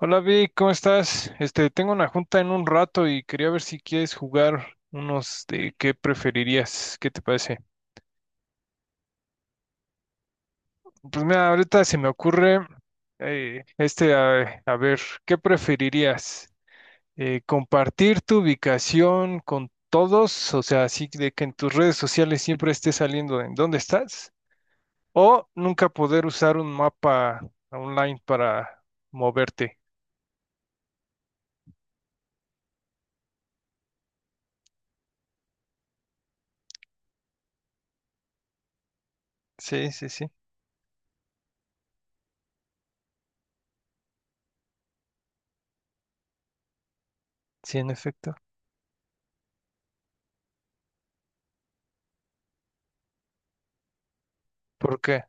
Hola Vic, ¿cómo estás? Tengo una junta en un rato y quería ver si quieres jugar unos de qué preferirías, ¿qué te parece? Pues mira, ahorita se me ocurre a ver, ¿qué preferirías? ¿compartir tu ubicación con todos? O sea, así de que en tus redes sociales siempre esté saliendo de en dónde estás, o nunca poder usar un mapa online para moverte. Sí, sí, sí, sí, en efecto. ¿Por qué?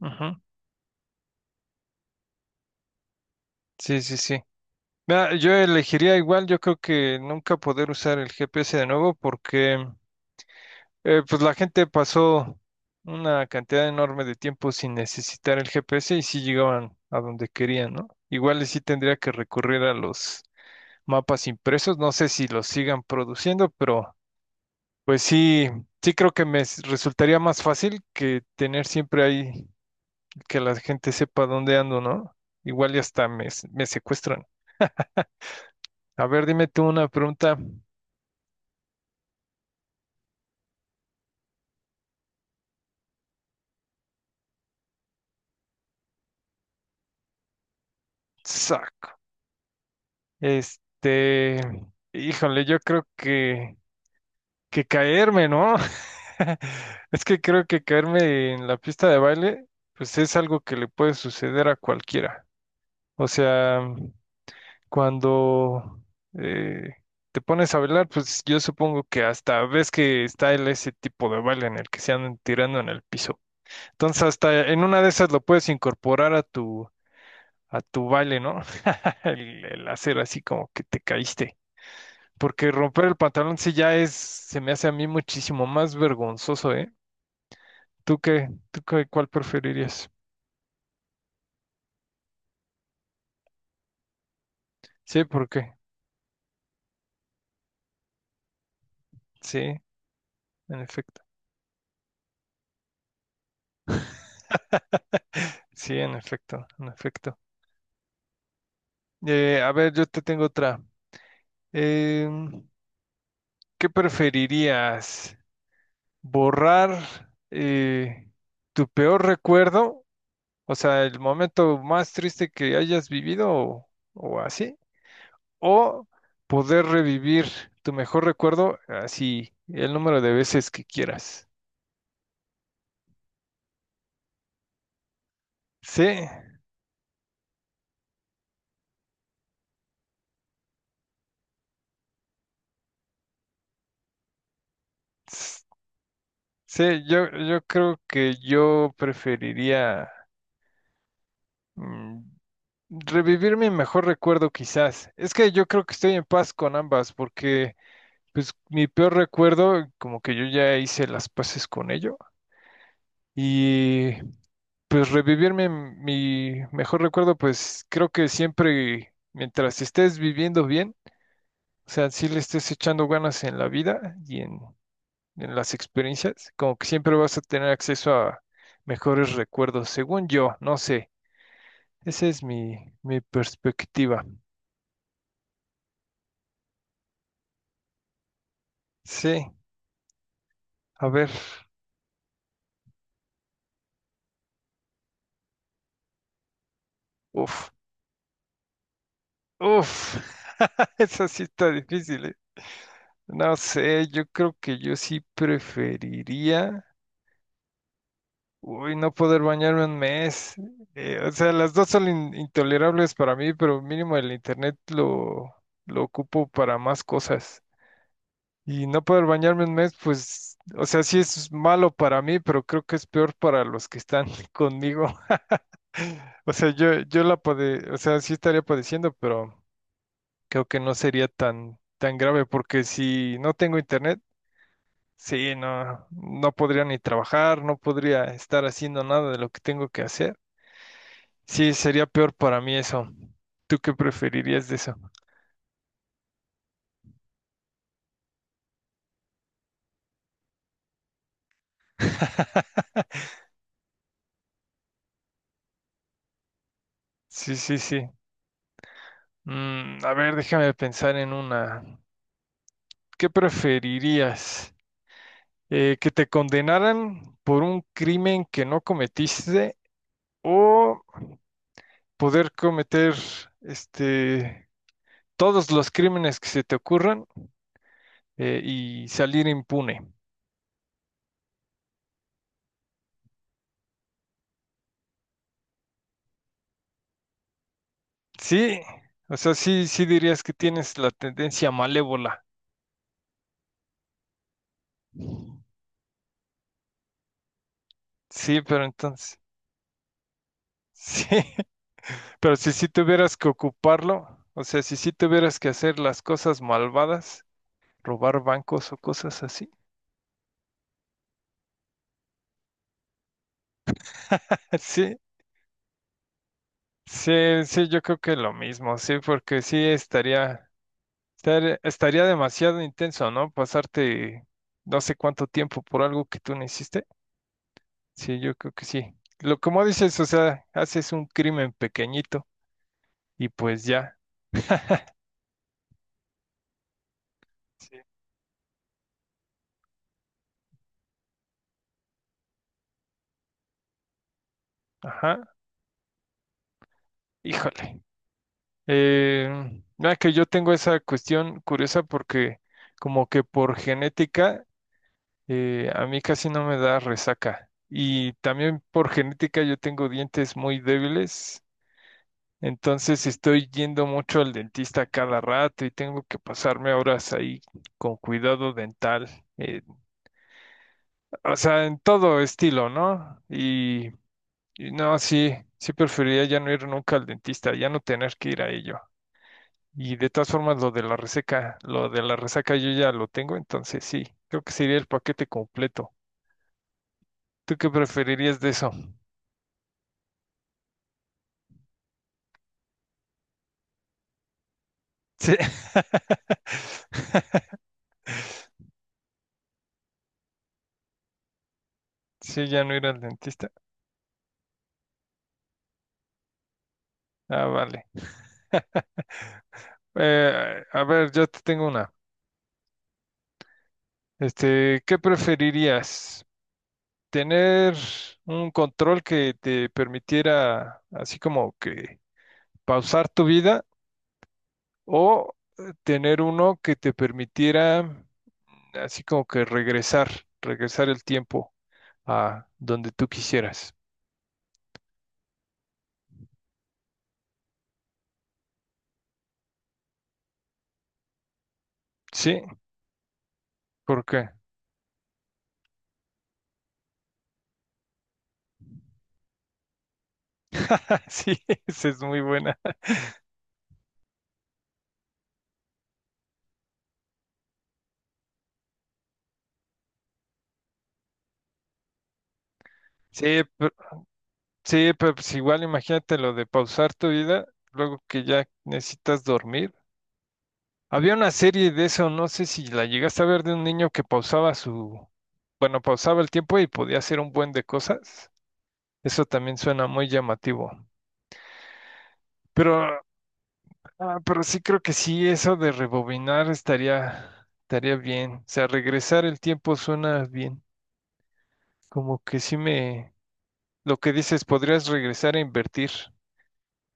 Ujú. Sí, sí, sí. Mira, yo elegiría igual, yo creo que nunca poder usar el GPS de nuevo porque pues la gente pasó una cantidad enorme de tiempo sin necesitar el GPS y sí llegaban a donde querían, ¿no? Igual y sí tendría que recurrir a los mapas impresos, no sé si los sigan produciendo, pero pues sí, sí creo que resultaría más fácil que tener siempre ahí que la gente sepa dónde ando, ¿no? Igual y hasta me secuestran. A ver, dime tú una pregunta. Sac. Este, híjole, yo creo que caerme, ¿no? Es que creo que caerme en la pista de baile, pues es algo que le puede suceder a cualquiera. O sea, cuando eh, te pones a bailar, pues yo supongo que hasta ves que está ese tipo de baile en el que se andan tirando en el piso. Entonces, hasta en una de esas lo puedes incorporar a a tu baile, ¿no? El hacer así como que te caíste. Porque romper el pantalón sí ya es, se me hace a mí muchísimo más vergonzoso, ¿eh? ¿Tú qué? ¿Cuál preferirías? Sí, ¿por qué? Sí, en efecto. Sí, en efecto, en efecto. A ver, yo te tengo otra. Em, ¿Qué preferirías? ¿Borrar eh, tu peor recuerdo? O sea, el momento más triste que hayas vivido o así, o poder revivir tu mejor recuerdo así el número de veces que quieras. Sí, s- sí, yo creo que yo preferiría mm, revivir mi mejor recuerdo quizás. Es que yo creo que estoy en paz con ambas porque pues mi peor recuerdo como que yo ya hice las paces con ello y pues revivir mi mejor recuerdo, pues creo que siempre mientras estés viviendo bien. O sea, si le estés echando ganas en la vida y en las experiencias, como que siempre vas a tener acceso a mejores recuerdos, según yo, no sé. Esa es mi perspectiva. Sí, a ver. Uf, uf. Esa sí está difícil, ¿eh? No sé, yo creo que yo sí preferiría, uy, no poder bañarme un mes. O sea, las dos son intolerables para mí, pero mínimo el internet lo ocupo para más cosas. Y no poder bañarme un mes, pues, o sea, sí es malo para mí, pero creo que es peor para los que están conmigo. O sea, yo la pade, o sea, sí estaría padeciendo, pero creo que no sería tan grave, porque si no tengo internet, sí, no podría ni trabajar, no podría estar haciendo nada de lo que tengo que hacer. Sí, sería peor para mí eso. ¿Tú qué preferirías de eso? Sí, sí, sí. Mm, a ver, déjame pensar en una. ¿Qué preferirías? ¿que te condenaran por un crimen que no cometiste o poder cometer este, todos los crímenes que se te ocurran y salir impune? Sí, o sea, sí, sí dirías que tienes la tendencia malévola. Sí, pero entonces, sí, pero si sí tuvieras que ocuparlo, o sea, si sí tuvieras que hacer las cosas malvadas, robar bancos o cosas así, sí. Sí, sí, yo creo que lo mismo, sí, porque sí estaría, estaría demasiado intenso, ¿no? Pasarte no sé cuánto tiempo por algo que tú no hiciste. Sí, yo creo que sí. Lo como dices, o sea, haces un crimen pequeñito y pues ya. Sí. Ajá, híjole. Mira que yo tengo esa cuestión curiosa porque como que por genética a mí casi no me da resaca. Y también por genética yo tengo dientes muy débiles. Entonces estoy yendo mucho al dentista cada rato y tengo que pasarme horas ahí con cuidado dental, eh, o sea, en todo estilo, ¿no? Y no, sí, sí preferiría ya no ir nunca al dentista, ya no tener que ir a ello. Y de todas formas, lo de la reseca, lo de la resaca yo ya lo tengo, entonces sí, creo que sería el paquete completo. ¿Tú qué preferirías de eso? Sí, sí, ya no ir al dentista. Ah, vale. A ver, yo te tengo una. ¿Qué preferirías? ¿Tener un control que te permitiera así como que pausar tu vida o tener uno que te permitiera así como que regresar el tiempo a donde tú quisieras? ¿Sí? ¿Por qué? Sí, esa es muy buena. Sí, pero, sí, pero pues igual imagínate lo de pausar tu vida, luego que ya necesitas dormir. Había una serie de eso, no sé si la llegaste a ver de un niño que pausaba su, bueno, pausaba el tiempo y podía hacer un buen de cosas. Eso también suena muy llamativo. Pero, ah, pero sí creo que sí, eso de rebobinar estaría, estaría bien. O sea, regresar el tiempo suena bien. Como que sí me, lo que dices, podrías regresar a invertir,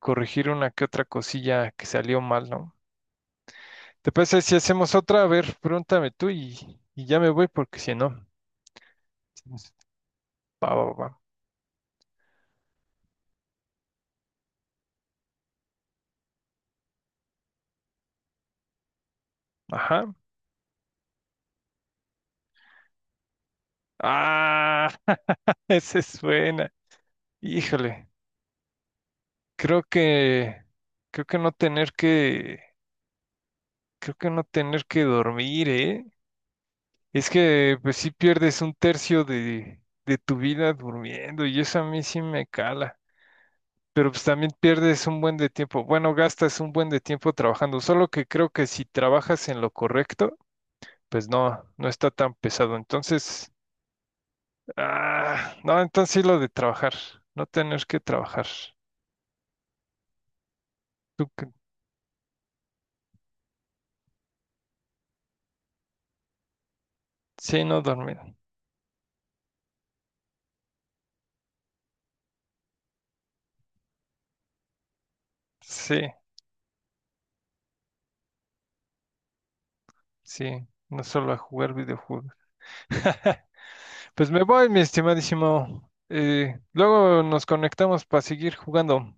corregir una que otra cosilla que salió mal, ¿no? ¿Te parece si hacemos otra? A ver, pregúntame tú y ya me voy porque si no. Va, va, va. Ajá. Ah, ese suena. Híjole, creo que, creo que no tener creo que no tener que dormir, ¿eh? Es que pues sí pierdes un tercio de tu vida durmiendo y eso a mí sí me cala. Pero pues también pierdes un buen de tiempo. Bueno, gastas un buen de tiempo trabajando. Solo que creo que si trabajas en lo correcto, pues no, no está tan pesado. Entonces, ah, no, entonces sí lo de trabajar, no tener que trabajar. Sí, no dormir. Sí, sí. No solo a jugar videojuegos. Pues me voy, mi estimadísimo. Luego nos conectamos para seguir jugando.